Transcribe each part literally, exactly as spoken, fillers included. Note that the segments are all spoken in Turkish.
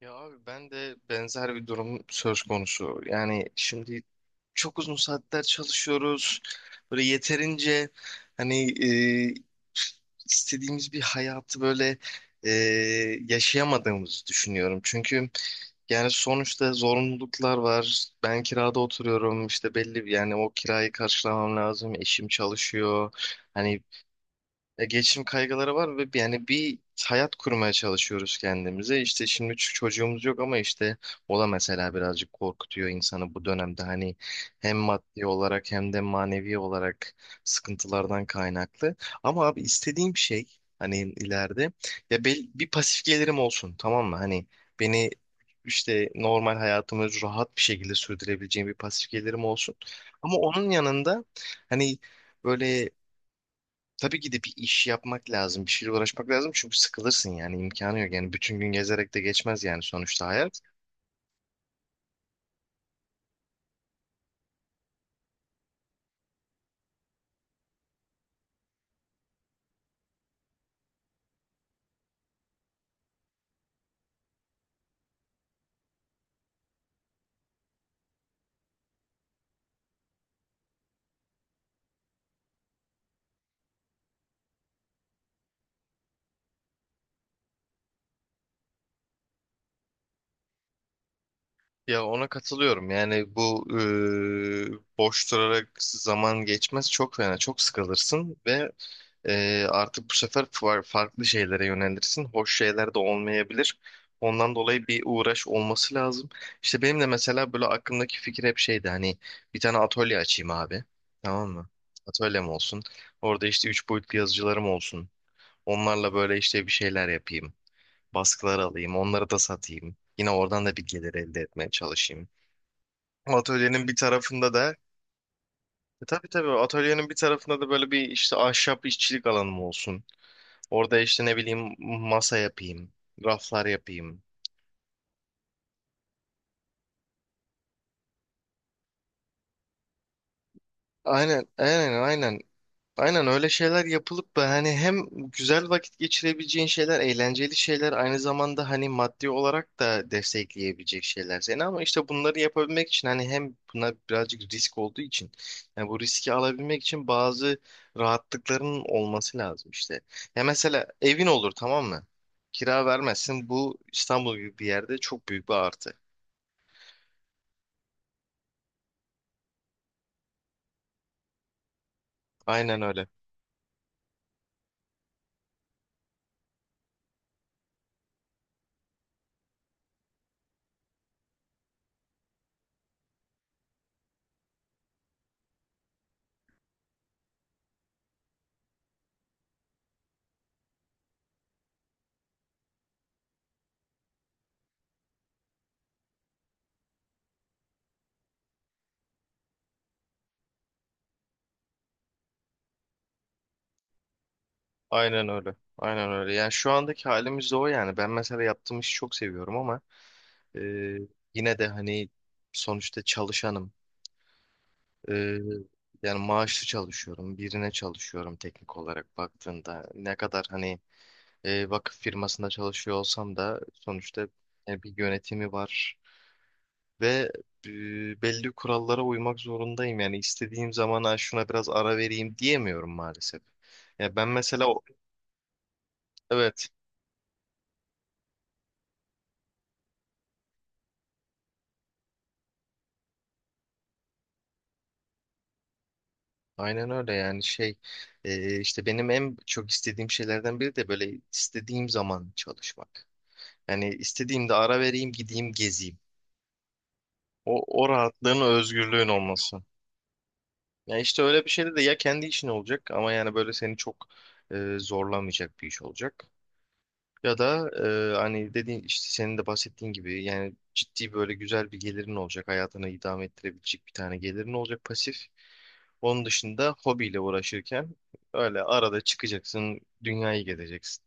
Ya abi ben de benzer bir durum söz konusu. Yani şimdi çok uzun saatler çalışıyoruz. Böyle yeterince hani, e, istediğimiz bir hayatı böyle e, yaşayamadığımızı düşünüyorum. Çünkü yani sonuçta zorunluluklar var. Ben kirada oturuyorum. İşte belli bir, yani o kirayı karşılamam lazım. Eşim çalışıyor. Hani ya geçim kaygıları var ve bir- yani bir hayat kurmaya çalışıyoruz kendimize. İşte şimdi ç- çocuğumuz yok ama işte o da mesela birazcık korkutuyor insanı bu dönemde. Hani hem maddi olarak hem de manevi olarak sıkıntılardan kaynaklı. Ama abi istediğim şey hani ileride, ya bel- bir pasif gelirim olsun, tamam mı? Hani beni işte normal hayatımı rahat bir şekilde sürdürebileceğim bir pasif gelirim olsun. Ama onun yanında hani böyle tabii ki de bir iş yapmak lazım, bir şeyle uğraşmak lazım, çünkü sıkılırsın, yani imkanı yok. Yani bütün gün gezerek de geçmez yani sonuçta hayat. Ya ona katılıyorum. Yani bu e, boş durarak zaman geçmez, çok fena. Çok sıkılırsın ve e, artık bu sefer fa- farklı şeylere yönelirsin. Hoş şeyler de olmayabilir. Ondan dolayı bir uğraş olması lazım. İşte benim de mesela böyle aklımdaki fikir hep şeydi hani, bir tane atölye açayım abi. Tamam mı? Atölyem olsun. Orada işte üç boyutlu yazıcılarım olsun. Onlarla böyle işte bir şeyler yapayım. Baskılar alayım, onları da satayım. Yine oradan da bir gelir elde etmeye çalışayım. Atölyenin bir tarafında da. E, tabii tabii, atölyenin bir tarafında da böyle bir işte ahşap işçilik alanım olsun. Orada işte ne bileyim masa yapayım, raflar yapayım. Aynen, aynen, aynen. Aynen öyle şeyler yapılıp da hani hem güzel vakit geçirebileceğin şeyler, eğlenceli şeyler, aynı zamanda hani maddi olarak da destekleyebilecek şeyler seni. Ama işte bunları yapabilmek için hani, hem buna birazcık risk olduğu için, yani bu riski alabilmek için, bazı rahatlıkların olması lazım işte. Ya mesela evin olur, tamam mı? Kira vermezsin. Bu İstanbul gibi bir yerde çok büyük bir artı. Aynen öyle. Aynen öyle. Aynen öyle. Yani şu andaki halimiz de o yani. Ben mesela yaptığım işi çok seviyorum, ama e, yine de hani sonuçta çalışanım. E, yani maaşlı çalışıyorum. Birine çalışıyorum teknik olarak baktığında. Ne kadar hani e, vakıf firmasında çalışıyor olsam da, sonuçta e, bir yönetimi var. Ve e, belli kurallara uymak zorundayım. Yani istediğim zaman, "Ha, şuna biraz ara vereyim," diyemiyorum maalesef. Ya ben mesela o- evet. Aynen öyle yani şey, e, işte benim en çok istediğim şeylerden biri de böyle istediğim zaman çalışmak. Yani istediğimde ara vereyim, gideyim, gezeyim. O, o rahatlığın, o özgürlüğün olması. Ya işte öyle bir şeyde de ya kendi işin olacak, ama yani böyle seni çok e, zorlamayacak bir iş olacak. Ya da e, hani dediğin, işte senin de bahsettiğin gibi, yani ciddi böyle güzel bir gelirin olacak. Hayatını idame ettirebilecek bir tane gelirin olacak, pasif. Onun dışında hobiyle uğraşırken öyle arada çıkacaksın, dünyayı gezeceksin.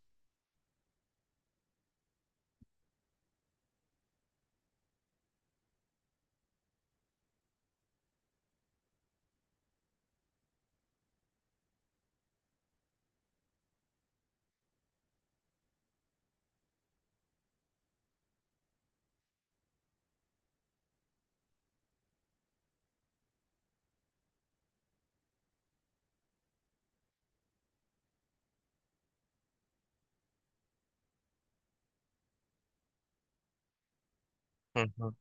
Hı hı.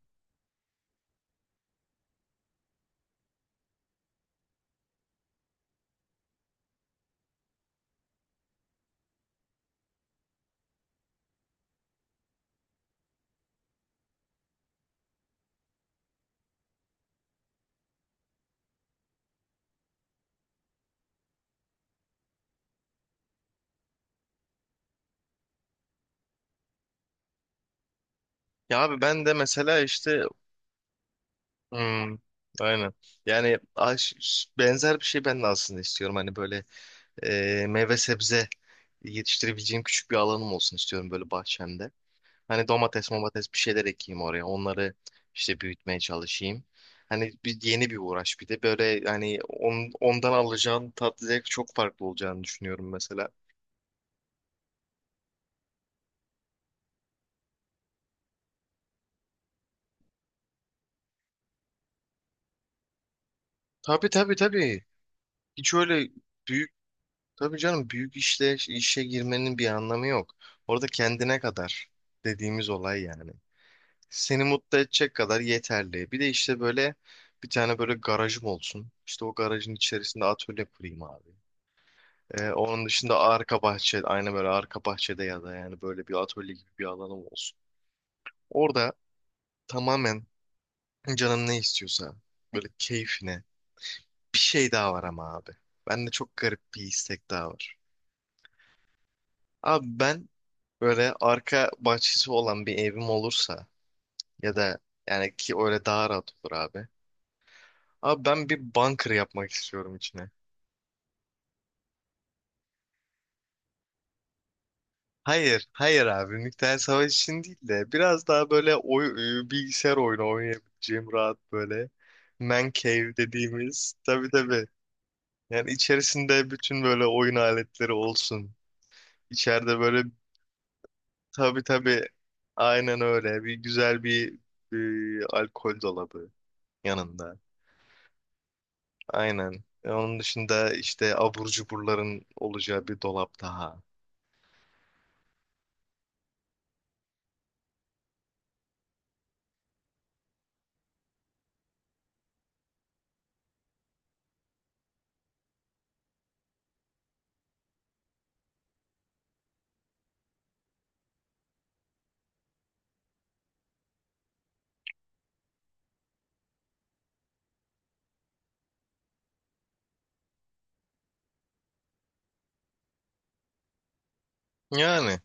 Ya abi ben de mesela işte hmm, aynen. Yani aş- benzer bir şey ben de aslında istiyorum. Hani böyle e, meyve sebze yetiştirebileceğim küçük bir alanım olsun istiyorum böyle bahçemde. Hani domates, domates bir şeyler ekeyim oraya. Onları işte büyütmeye çalışayım. Hani bir yeni bir uğraş, bir de böyle hani on, ondan alacağın tatlı zevk çok farklı olacağını düşünüyorum mesela. Tabii tabii tabii. Hiç öyle büyük, tabii canım, büyük işle işe girmenin bir anlamı yok. Orada kendine kadar dediğimiz olay yani. Seni mutlu edecek kadar yeterli. Bir de işte böyle bir tane böyle garajım olsun. İşte o garajın içerisinde atölye kurayım abi. Ee, onun dışında arka bahçe, aynı böyle arka bahçede ya da yani böyle bir atölye gibi bir alanım olsun. Orada tamamen canım ne istiyorsa, böyle keyfine. Bir şey daha var ama abi. Bende çok garip bir istek daha var. Abi ben böyle arka bahçesi olan bir evim olursa, ya da yani ki öyle daha rahat olur abi. Abi ben bir bunker yapmak istiyorum içine. Hayır, hayır abi. Nükleer savaş için değil de, biraz daha böyle oy, e, bilgisayar oyunu oynayabileceğim rahat böyle, man cave dediğimiz. Tabii tabii. Yani içerisinde bütün böyle oyun aletleri olsun. İçeride böyle, tabii tabii, aynen öyle. Bir güzel bir e, alkol dolabı yanında. Aynen. E, Onun dışında işte abur cuburların olacağı bir dolap daha. Yani.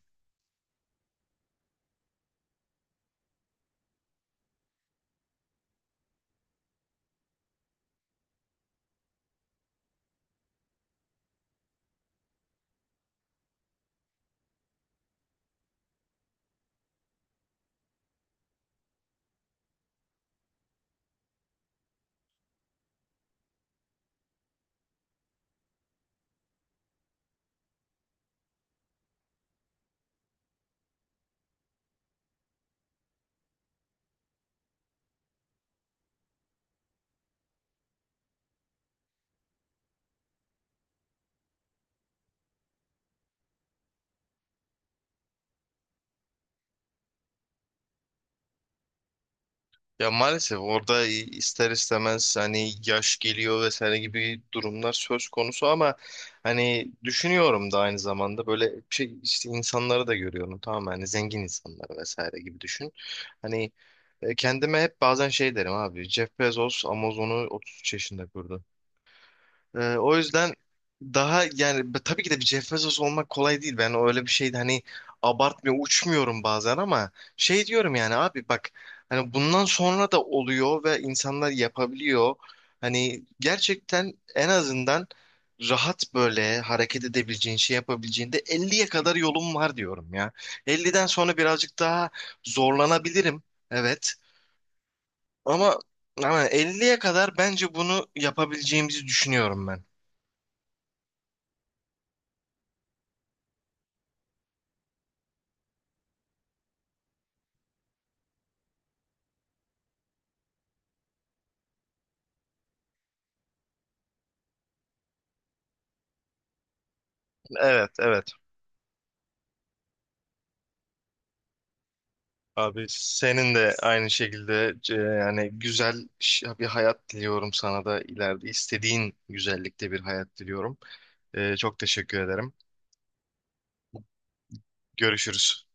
Ya maalesef orada ister istemez hani yaş geliyor vesaire gibi durumlar söz konusu, ama hani düşünüyorum da, aynı zamanda böyle şey, işte insanları da görüyorum, tamam mı? Hani zengin insanlar vesaire gibi düşün. Hani e, kendime hep bazen şey derim abi: Jeff Bezos Amazon'u otuz üç yaşında kurdu. Ee, o yüzden daha yani b- tabii ki de bir Jeff Bezos olmak kolay değil. Ben öyle bir şey hani abartmıyor, uçmuyorum bazen, ama şey diyorum yani, abi bak, hani bundan sonra da oluyor ve insanlar yapabiliyor. Hani gerçekten en azından rahat böyle hareket edebileceğin, şey yapabileceğinde elliye kadar yolum var diyorum ya. Elli'den sonra birazcık daha zorlanabilirim. Evet. Ama ama elliye kadar bence bunu yapabileceğimizi düşünüyorum ben. Evet, evet. Abi senin de aynı şekilde e, yani güzel ş- bir hayat diliyorum sana da, ileride istediğin güzellikte bir hayat diliyorum. E, çok teşekkür ederim. Görüşürüz.